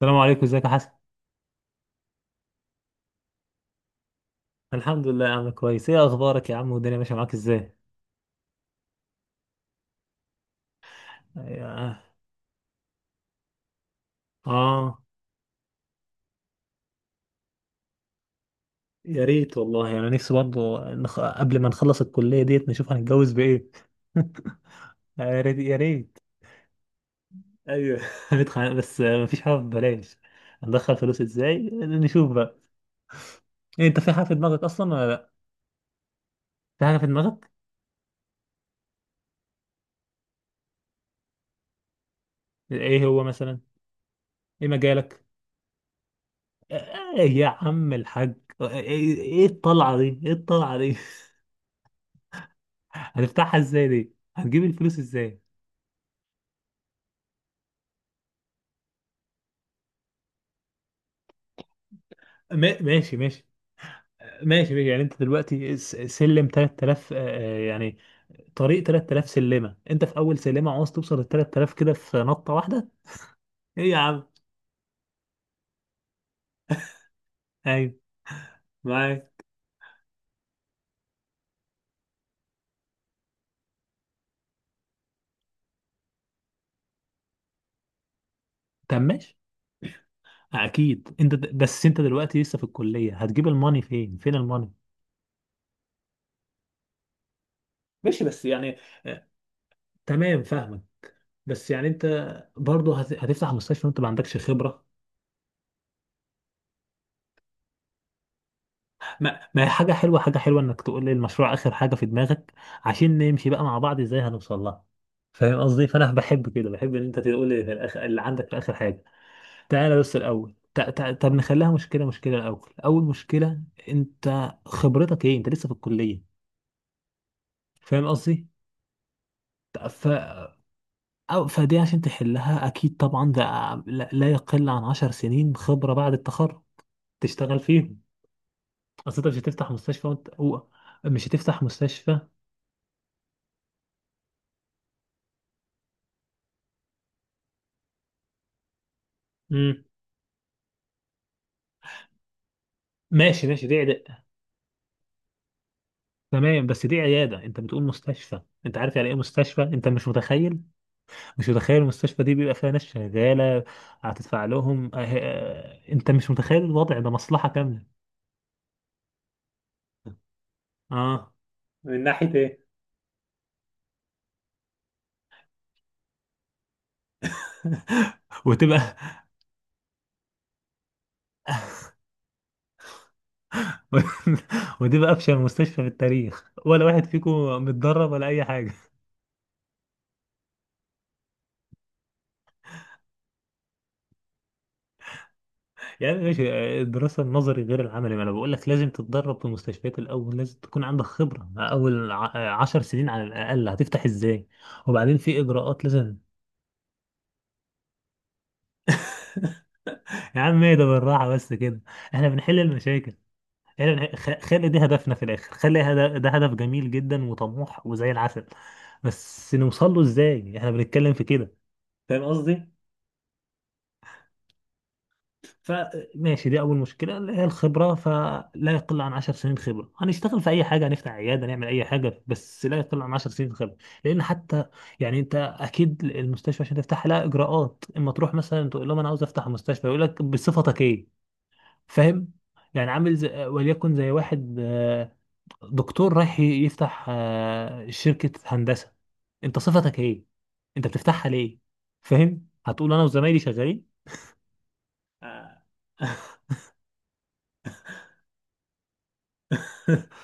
السلام عليكم، ازيك يا حسن؟ الحمد لله يا عم، كويس. ايه اخبارك يا عم؟ والدنيا ماشيه معاك ازاي؟ يا- اه، يا ريت والله. انا يعني نفسي برضه قبل ما نخلص الكليه ديت نشوف هنتجوز بايه؟ يا ريت يا ريت. ايوه. هندخل بس مفيش حاجه ببلاش. هندخل فلوس ازاي، نشوف بقى. إيه، انت في حاجه في دماغك اصلا ولا لا؟ في حاجه في دماغك؟ ايه هو مثلا؟ ايه مجالك؟ آه يا عم الحاج. ايه؟ إيه الطلعه دي؟ ايه الطلعه دي؟ هتفتحها ازاي دي؟ هتجيب الفلوس ازاي؟ ماشي ماشي. ماشي ماشي، يعني انت دلوقتي سلم 3000، يعني. طريق 3000 سلمه، انت في اول سلمه عاوز توصل ل 3000 كده في نطه واحده؟ ايه يا عم؟ ايوه، معاك. طب ماشي. اكيد انت بس انت دلوقتي لسه في الكليه، هتجيب الماني فين؟ فين الماني؟ ماشي بس يعني، آه، تمام فاهمك. بس يعني انت، برضه هتفتح مستشفى وانت ما عندكش خبره؟ ما هي حاجة حلوة، حاجة حلوة انك تقول لي المشروع اخر حاجة في دماغك. عشان نمشي بقى مع بعض ازاي هنوصل لها. فاهم قصدي؟ فانا بحب كده، بحب ان انت تقول لي في الاخر اللي عندك في اخر حاجة. تعالى بس الاول، طب نخليها مشكلة، مشكلة الاول، اول مشكلة. انت خبرتك ايه؟ انت لسه في الكلية. فاهم قصدي. ف... أو فدي عشان تحلها اكيد طبعا ده لا لا يقل عن عشر سنين خبرة بعد التخرج تشتغل فيهم. اصل انت مش هتفتح مستشفى وانت مش هتفتح مستشفى. ماشي ماشي، دي عيادة. تمام بس دي عيادة، انت بتقول مستشفى، انت عارف يعني ايه مستشفى؟ انت مش متخيل. مش متخيل المستشفى دي بيبقى فيها ناس شغالة هتدفع لهم. اه اه، انت مش متخيل الوضع ده، مصلحة كاملة. اه، من ناحية ايه؟ وتبقى وتبقى افشل مستشفى في التاريخ، ولا واحد فيكم متدرب ولا اي حاجة. يعني ماشي، الدراسة النظري غير العملي، ما انا بقول لك لازم تتدرب في المستشفيات الأول، لازم تكون عندك خبرة أول 10 سنين على الأقل، هتفتح ازاي؟ وبعدين في إجراءات لازم. يا عم ايه ده، بالراحة بس كده. احنا بنحل المشاكل. خلي دي هدفنا في الآخر، خلي ده هدف جميل جدا وطموح وزي العسل. بس نوصل له ازاي؟ احنا بنتكلم في كده. فاهم قصدي؟ فماشي، دي اول مشكله اللي هي الخبره، فلا يقل عن 10 سنين خبره. هنشتغل في اي حاجه، هنفتح عياده، نعمل اي حاجه، بس لا يقل عن 10 سنين خبره. لان حتى، يعني انت اكيد المستشفى عشان تفتحها لها اجراءات، اما تروح مثلا تقول لهم انا عاوز افتح مستشفى، يقول لك بصفتك ايه؟ فاهم. يعني عامل زي وليكن زي واحد دكتور رايح يفتح شركه هندسه. انت صفتك ايه؟ انت بتفتحها ليه؟ فاهم؟ هتقول انا وزمايلي شغالين.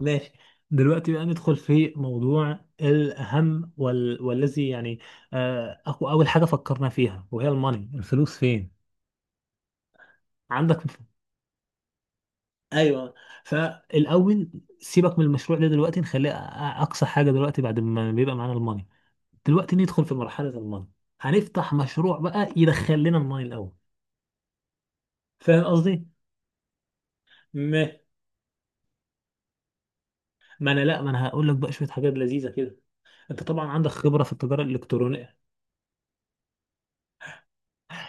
ماشي. دلوقتي بقى ندخل في موضوع الأهم والذي يعني، أول حاجة فكرنا فيها وهي الماني، الفلوس فين؟ عندك. ايوه. فالاول، سيبك من المشروع ده دلوقتي، نخليه اقصى حاجه دلوقتي، بعد ما بيبقى معانا الماني. دلوقتي ندخل في مرحله الماني. هنفتح مشروع بقى يدخل لنا الماني الاول. فاهم قصدي؟ ما ما انا لا ما انا هقول لك بقى شويه حاجات لذيذه كده. انت طبعا عندك خبره في التجاره الالكترونيه.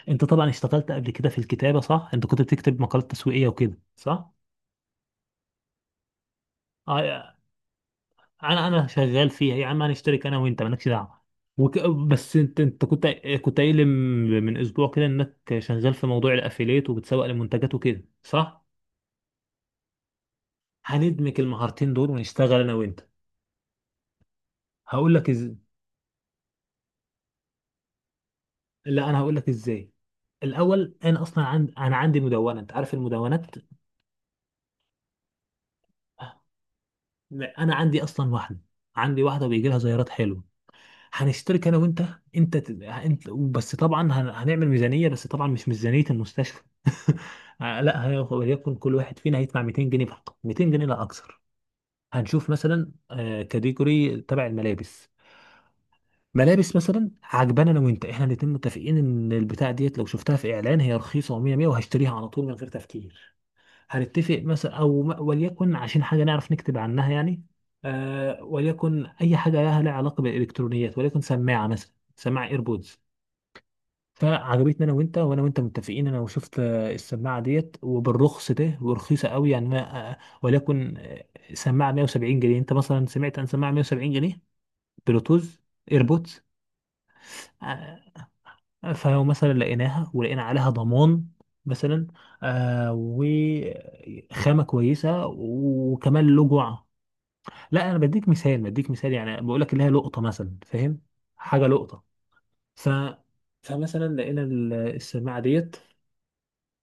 انت طبعا اشتغلت قبل كده في الكتابة، صح؟ انت كنت بتكتب مقالات تسويقية وكده، صح؟ آه، انا شغال فيها يا عم، هنشترك انا وانت مالكش دعوة. وك... بس انت كنت، كنت قايل لي من اسبوع كده انك شغال في موضوع الافيليت وبتسوق لمنتجات وكده، صح؟ هندمج المهارتين دول ونشتغل انا وانت. هقول لك از... لا انا هقول لك ازاي. الاول انا اصلا انا عندي مدونة، انت عارف المدونات. انا عندي اصلا واحدة. عندي واحدة بيجي لها زيارات حلوة. هنشترك انا وانت. انت ت- انت بس طبعا هنعمل ميزانيه بس طبعا مش ميزانيه المستشفى. لا وليكن كل واحد فينا هيدفع 200 جنيه فقط، 200 جنيه لا اكثر. هنشوف مثلا كاتيجوري تبع الملابس. ملابس مثلا عجبانا انا وانت، احنا الاتنين متفقين ان البتاع ديت لو شفتها في اعلان هي رخيصه، و100 100 وهشتريها على طول من غير تفكير. هنتفق مثلا او وليكن عشان حاجه نعرف نكتب عنها، يعني وليكن اي حاجه لها علاقه بالالكترونيات، وليكن سماعه مثلا، سماعه ايربودز. فعجبتني انا وانت، وانا وانت متفقين، انا وشفت السماعه ديت وبالرخص ده ورخيصه قوي يعني انا، وليكن سماعه 170 جنيه، انت مثلا سمعت عن سماعه 170 جنيه بلوتوز ايربودز؟ آه، فلو مثلا لقيناها ولقينا عليها ضمان مثلا، وخامة كويسة وكمان له جرعة. لا انا بديك مثال، بديك مثال يعني، بقول لك اللي هي لقطة مثلا، فاهم؟ حاجة لقطة. ف فمثلا لقينا السماعة ديت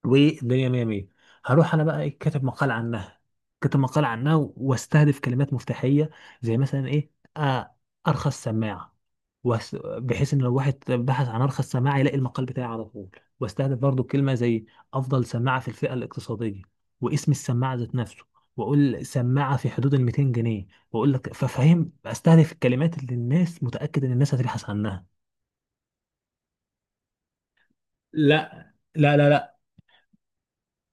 والدنيا مية مية، هروح انا بقى ايه، كاتب مقال عنها. كاتب مقال عنها واستهدف كلمات مفتاحية، زي مثلا ايه؟ آه ارخص سماعة، بحيث ان لو واحد بحث عن ارخص سماعة يلاقي المقال بتاعي على طول. واستهدف برضو كلمة زي افضل سماعة في الفئة الاقتصادية، واسم السماعة ذات نفسه، واقول سماعة في حدود ال 200 جنيه، واقول لك ففهم استهدف الكلمات اللي الناس متأكد ان الناس هتبحث عنها. لا لا لا،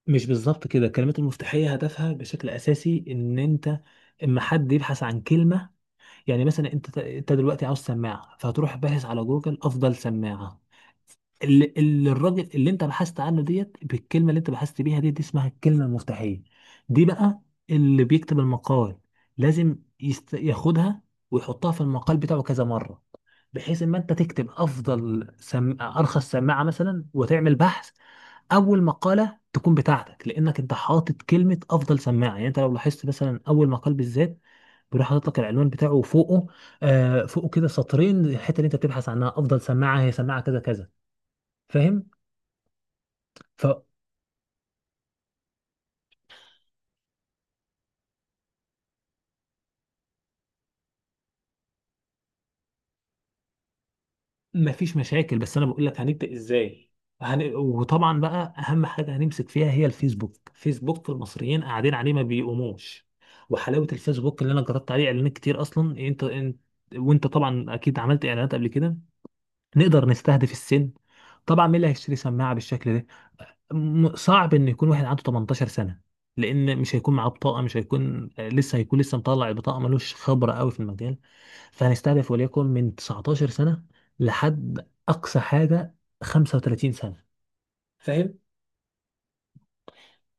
مش بالظبط كده. الكلمات المفتاحية هدفها بشكل أساسي إن أنت اما حد يبحث عن كلمة، يعني مثلا أنت دلوقتي عاوز سماعة، فهتروح باحث على جوجل أفضل سماعة، اللي الراجل اللي أنت بحثت عنه ديت بالكلمة اللي أنت بحثت بيها دي اسمها الكلمة المفتاحية. دي بقى اللي بيكتب المقال لازم ياخدها ويحطها في المقال بتاعه كذا مرة، بحيث إما أنت تكتب أفضل أرخص سماعة مثلا، وتعمل بحث اول مقاله تكون بتاعتك لانك انت حاطط كلمه افضل سماعه. يعني انت لو لاحظت مثلا اول مقال بالذات بيروح حاطط لك العنوان بتاعه، وفوقه فوقه كده سطرين الحته اللي انت بتبحث عنها، افضل سماعه هي سماعه كذا كذا. فاهم؟ فمفيش مشاكل بس انا بقول لك هنبدا ازاي. وطبعا بقى اهم حاجه هنمسك فيها هي الفيسبوك. فيسبوك المصريين قاعدين عليه ما بيقوموش، وحلاوه الفيسبوك اللي انا جربت عليه اعلانات كتير اصلا، انت وانت طبعا اكيد عملت اعلانات قبل كده. نقدر نستهدف السن، طبعا مين اللي هيشتري سماعه بالشكل ده. صعب ان يكون واحد عنده 18 سنه، لان مش هيكون معاه بطاقه، مش هيكون لسه، هيكون لسه مطلع البطاقه ملوش خبره قوي في المجال. فهنستهدف وليكن من 19 سنه لحد اقصى حاجه 35 سنه. فاهم؟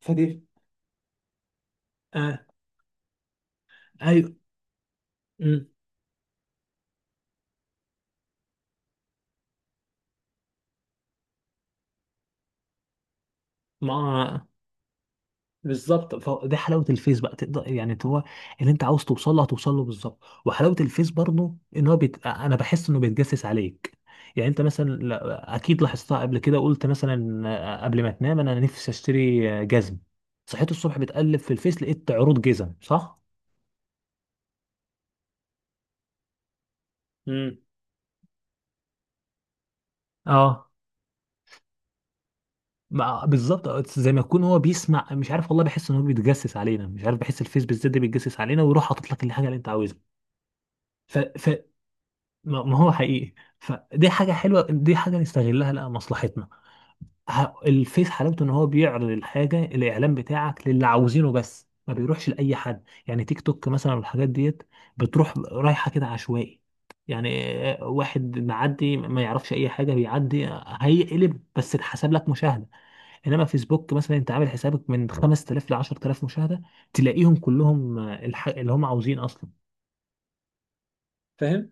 فدي آه ايوه. مم. ما بالظبط، فدي حلاوه الفيس بقى تقدر، يعني هو اللي انت عاوز توصل له هتوصل له بالظبط. وحلاوه الفيس برضه ان هو انا بحس انه بيتجسس عليك، يعني انت مثلا اكيد لاحظتها قبل كده، قلت مثلا قبل ما تنام انا نفسي اشتري جزم، صحيت الصبح بتقلب في الفيس لقيت عروض جزم، صح؟ امم اه، بالظبط، زي ما يكون هو بيسمع، مش عارف والله، بحس ان هو بيتجسس علينا، مش عارف، بحس الفيس بالذات ده بيتجسس علينا ويروح حاطط لك الحاجه اللي انت عاوزها. ما ما هو حقيقي. فدي حاجة حلوة، دي حاجة نستغلها لأ مصلحتنا. الفيس حلاوته إن هو بيعرض الحاجة، الإعلان بتاعك للي عاوزينه بس، ما بيروحش لأي حد. يعني تيك توك مثلا والحاجات ديت بتروح رايحة كده عشوائي يعني، واحد معدي ما يعرفش أي حاجة بيعدي هيقلب بس اتحسب لك مشاهدة. إنما فيسبوك مثلا أنت عامل حسابك من 5000 ل 10000 مشاهدة، تلاقيهم كلهم اللي هم عاوزين أصلا. فاهم؟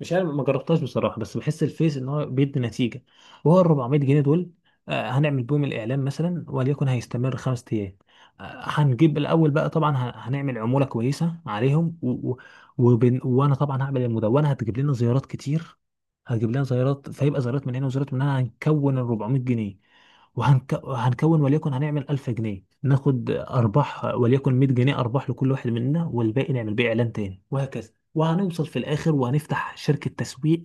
مش عارف ما جربتهاش بصراحه، بس بحس الفيس ان هو بيدي نتيجه. وهو ال 400 جنيه دول، هنعمل بيهم الاعلان مثلا، وليكن هيستمر 5 ايام. هنجيب الاول بقى طبعا، هنعمل عموله كويسه عليهم وانا طبعا هعمل المدونه هتجيب لنا زيارات كتير. هتجيب لنا زيارات، فيبقى زيارات من هنا وزيارات من هنا هنكون ال 400 جنيه، هنكون وليكن هنعمل 1000 جنيه، ناخد ارباح وليكن 100 جنيه ارباح لكل واحد مننا، والباقي نعمل بيه اعلان تاني وهكذا. وهنوصل في الاخر وهنفتح شركه تسويق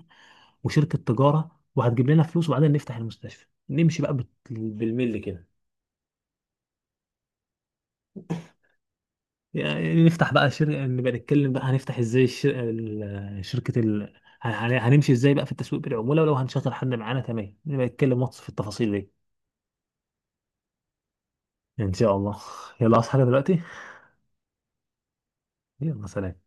وشركه تجاره وهتجيب لنا فلوس، وبعدين نفتح المستشفى نمشي بقى بالملي كده. يعني نفتح بقى شركه، نبقى نتكلم بقى هنفتح ازاي شركه هنمشي ازاي بقى في التسويق بالعموله، ولو هنشغل حد معانا، تمام نبقى نتكلم ماتش في التفاصيل دي. ان شاء الله. يلا اصحى حاجة دلوقتي. يلا سلام.